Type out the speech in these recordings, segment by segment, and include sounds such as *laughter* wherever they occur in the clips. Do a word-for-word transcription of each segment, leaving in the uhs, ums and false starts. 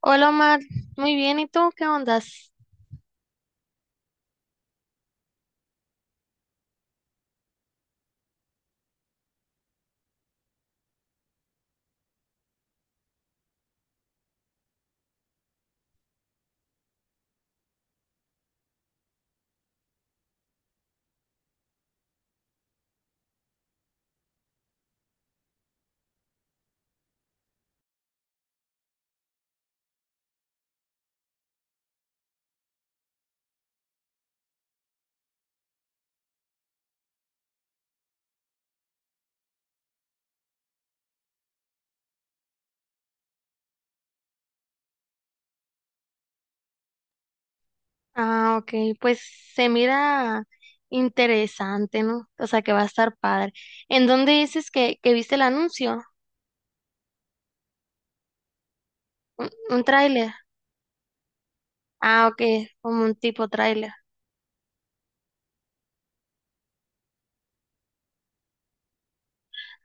Hola Omar, muy bien, ¿y tú qué ondas? Ah, ok, pues se mira interesante, ¿no? O sea que va a estar padre. ¿En dónde dices que, que viste el anuncio? ¿Un, un tráiler? Ah, ok, como un tipo tráiler.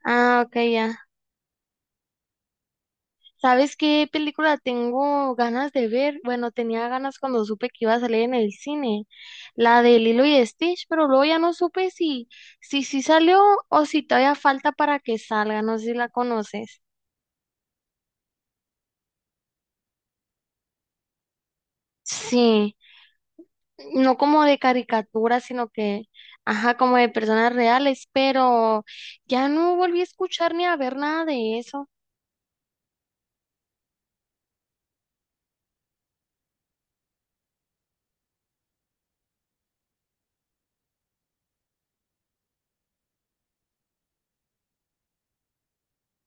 Ah, ok, ya. ¿Sabes qué película tengo ganas de ver? Bueno, tenía ganas cuando supe que iba a salir en el cine, la de Lilo y Stitch, pero luego ya no supe si, si, si salió o si todavía falta para que salga, no sé si la conoces. Sí, no como de caricatura, sino que, ajá, como de personas reales, pero ya no volví a escuchar ni a ver nada de eso.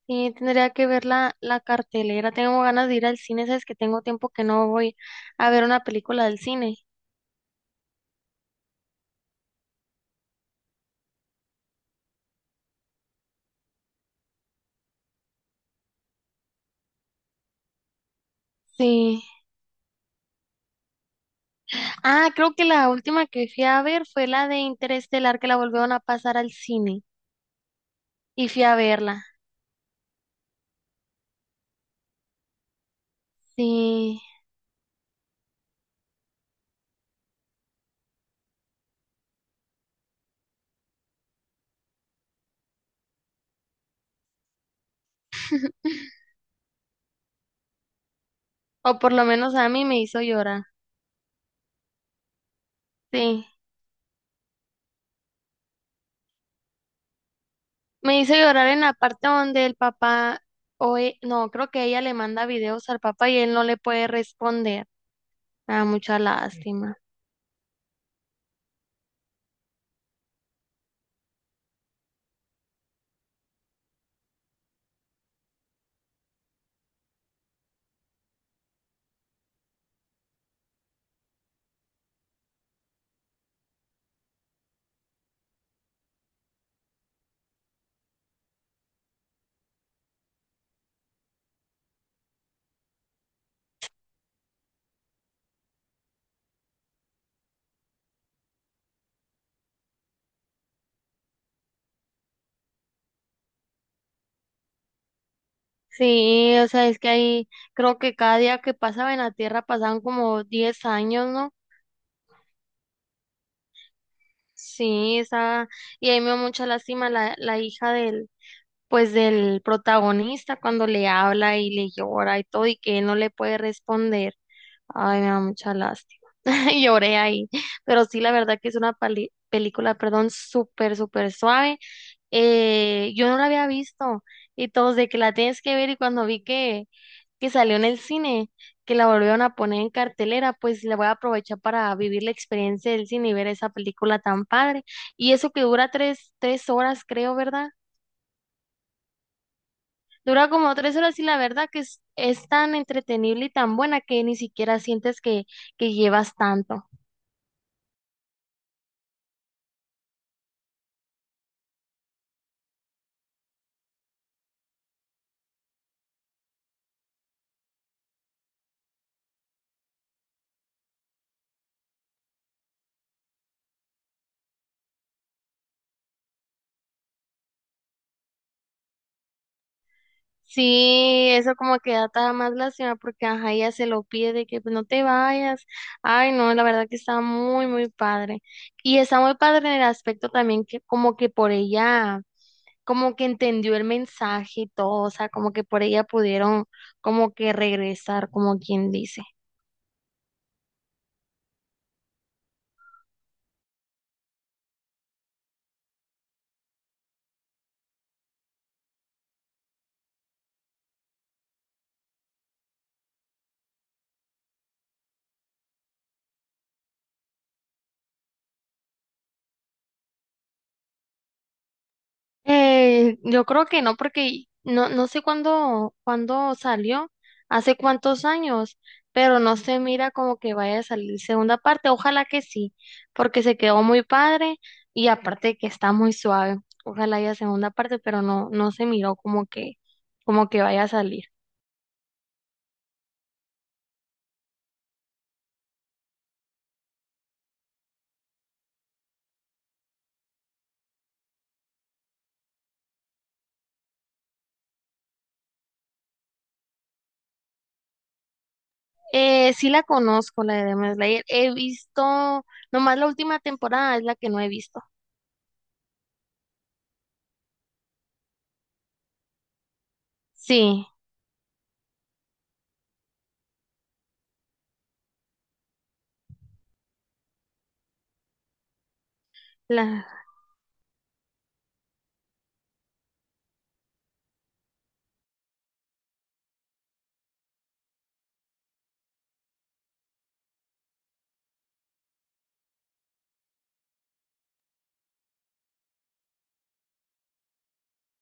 Sí, tendría que ver la, la cartelera. Tengo ganas de ir al cine, sabes que tengo tiempo que no voy a ver una película del cine. Sí. Ah, creo que la última que fui a ver fue la de Interestelar, que la volvieron a pasar al cine y fui a verla. Sí. O por lo menos a mí me hizo llorar. Sí. Me hizo llorar en la parte donde el papá, o e- no, creo que ella le manda videos al papá y él no le puede responder. Me da mucha lástima. Sí, o sea, es que ahí creo que cada día que pasaba en la tierra pasaban como diez años, ¿no? Sí, esa, y ahí me da mucha lástima la, la hija del, pues del protagonista cuando le habla y le llora y todo y que él no le puede responder. Ay, me da mucha lástima. *laughs* Lloré ahí. Pero sí, la verdad que es una pali- película, perdón, súper, súper suave. Eh, yo no la había visto y todos de que la tienes que ver y cuando vi que, que salió en el cine, que la volvieron a poner en cartelera, pues le voy a aprovechar para vivir la experiencia del cine y ver esa película tan padre. Y eso que dura tres, tres horas, creo, ¿verdad? Dura como tres horas y la verdad que es, es tan entretenible y tan buena que ni siquiera sientes que, que llevas tanto. Sí, eso como que da todavía más lástima porque ajá, ella se lo pide de que pues, no te vayas. Ay, no, la verdad que está muy, muy padre. Y está muy padre en el aspecto también que como que por ella, como que entendió el mensaje y todo, o sea, como que por ella pudieron como que regresar, como quien dice. Eh, yo creo que no, porque no, no sé cuándo, cuándo salió, hace cuántos años, pero no se mira como que vaya a salir segunda parte. Ojalá que sí, porque se quedó muy padre y aparte que está muy suave. Ojalá haya segunda parte, pero no, no se miró como que, como que vaya a salir. Eh, sí la conozco, la de Demon Slayer. He visto, nomás la última temporada es la que no he visto. Sí, la,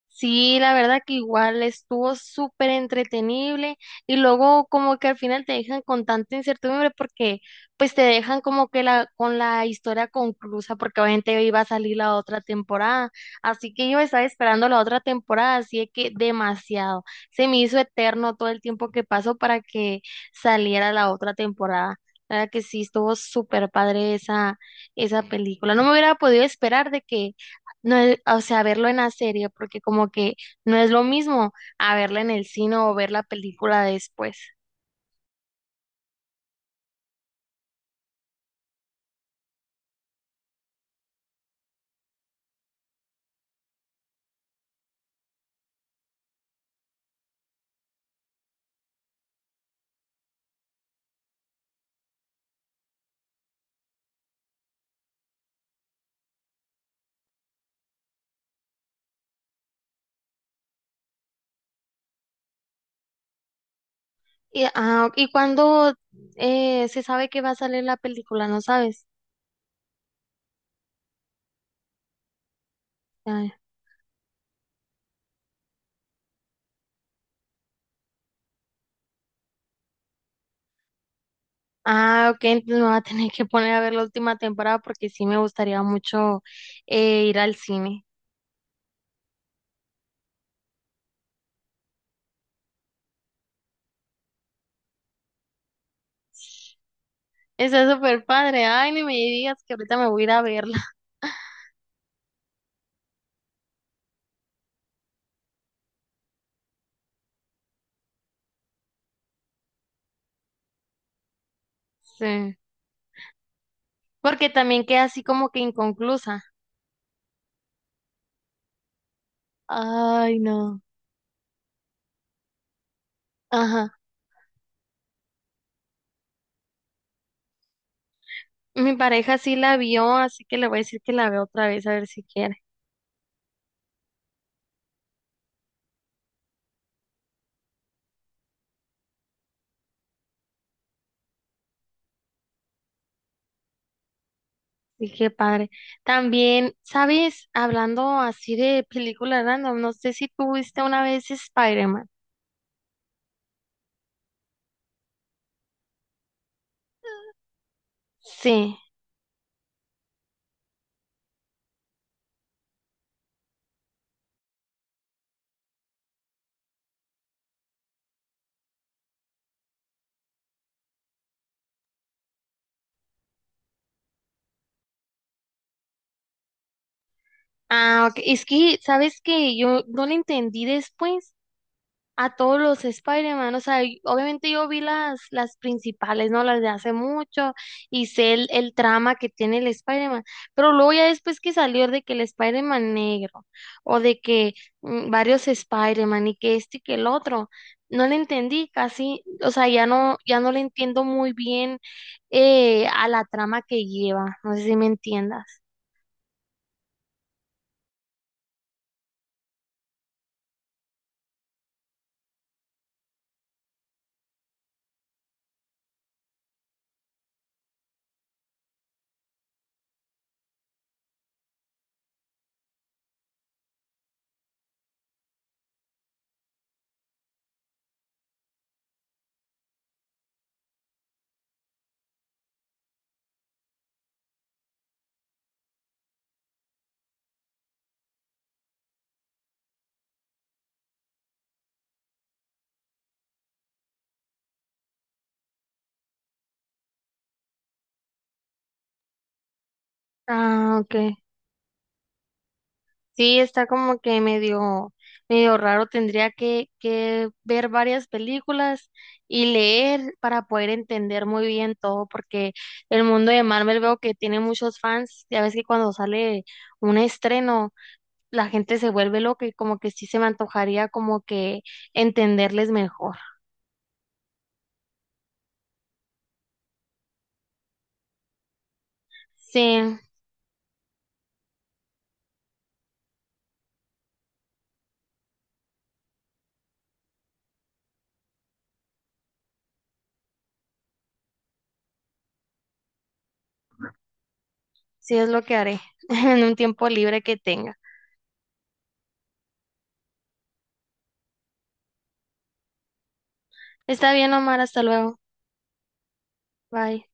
Sí, la verdad que igual estuvo súper entretenible y luego como que al final te dejan con tanta incertidumbre porque pues te dejan como que la con la historia conclusa porque obviamente iba a salir la otra temporada, así que yo estaba esperando la otra temporada, así de que demasiado, se me hizo eterno todo el tiempo que pasó para que saliera la otra temporada. La verdad que sí, estuvo súper padre esa, esa película. No me hubiera podido esperar de que no es, o sea, verlo en la serie, porque como que no es lo mismo a verla en el cine o ver la película después. Y, ah, ¿y cuándo eh, se sabe que va a salir la película? ¿No sabes? Ah, ah, ok, entonces me va a tener que poner a ver la última temporada porque sí me gustaría mucho eh, ir al cine. Está súper padre. Ay, ni me digas que ahorita me voy a ir a verla. *laughs* Sí. Porque también queda así como que inconclusa. Ay, no. Ajá. Mi pareja sí la vio, así que le voy a decir que la veo otra vez, a ver si quiere. Y qué padre. También, ¿sabes? Hablando así de películas random, no sé si tú viste una vez Spider-Man. Sí. Ah, ok. Es que, ¿sabes qué? Yo no lo entendí después a todos los Spider-Man, o sea, y obviamente yo vi las, las principales, ¿no? Las de hace mucho y sé el, el trama que tiene el Spider-Man, pero luego ya después que salió de que el Spider-Man negro o de que mm, varios Spider-Man y que este y que el otro, no le entendí casi, o sea, ya no, ya no le entiendo muy bien eh, a la trama que lleva, no sé si me entiendas. Ah, ok. Sí, está como que medio, medio raro. Tendría que, que ver varias películas y leer para poder entender muy bien todo, porque el mundo de Marvel veo que tiene muchos fans. Ya ves que cuando sale un estreno, la gente se vuelve loca y como que sí se me antojaría como que entenderles mejor. Sí, sí es lo que haré *laughs* en un tiempo libre que tenga. Está bien, Omar, hasta luego. Bye.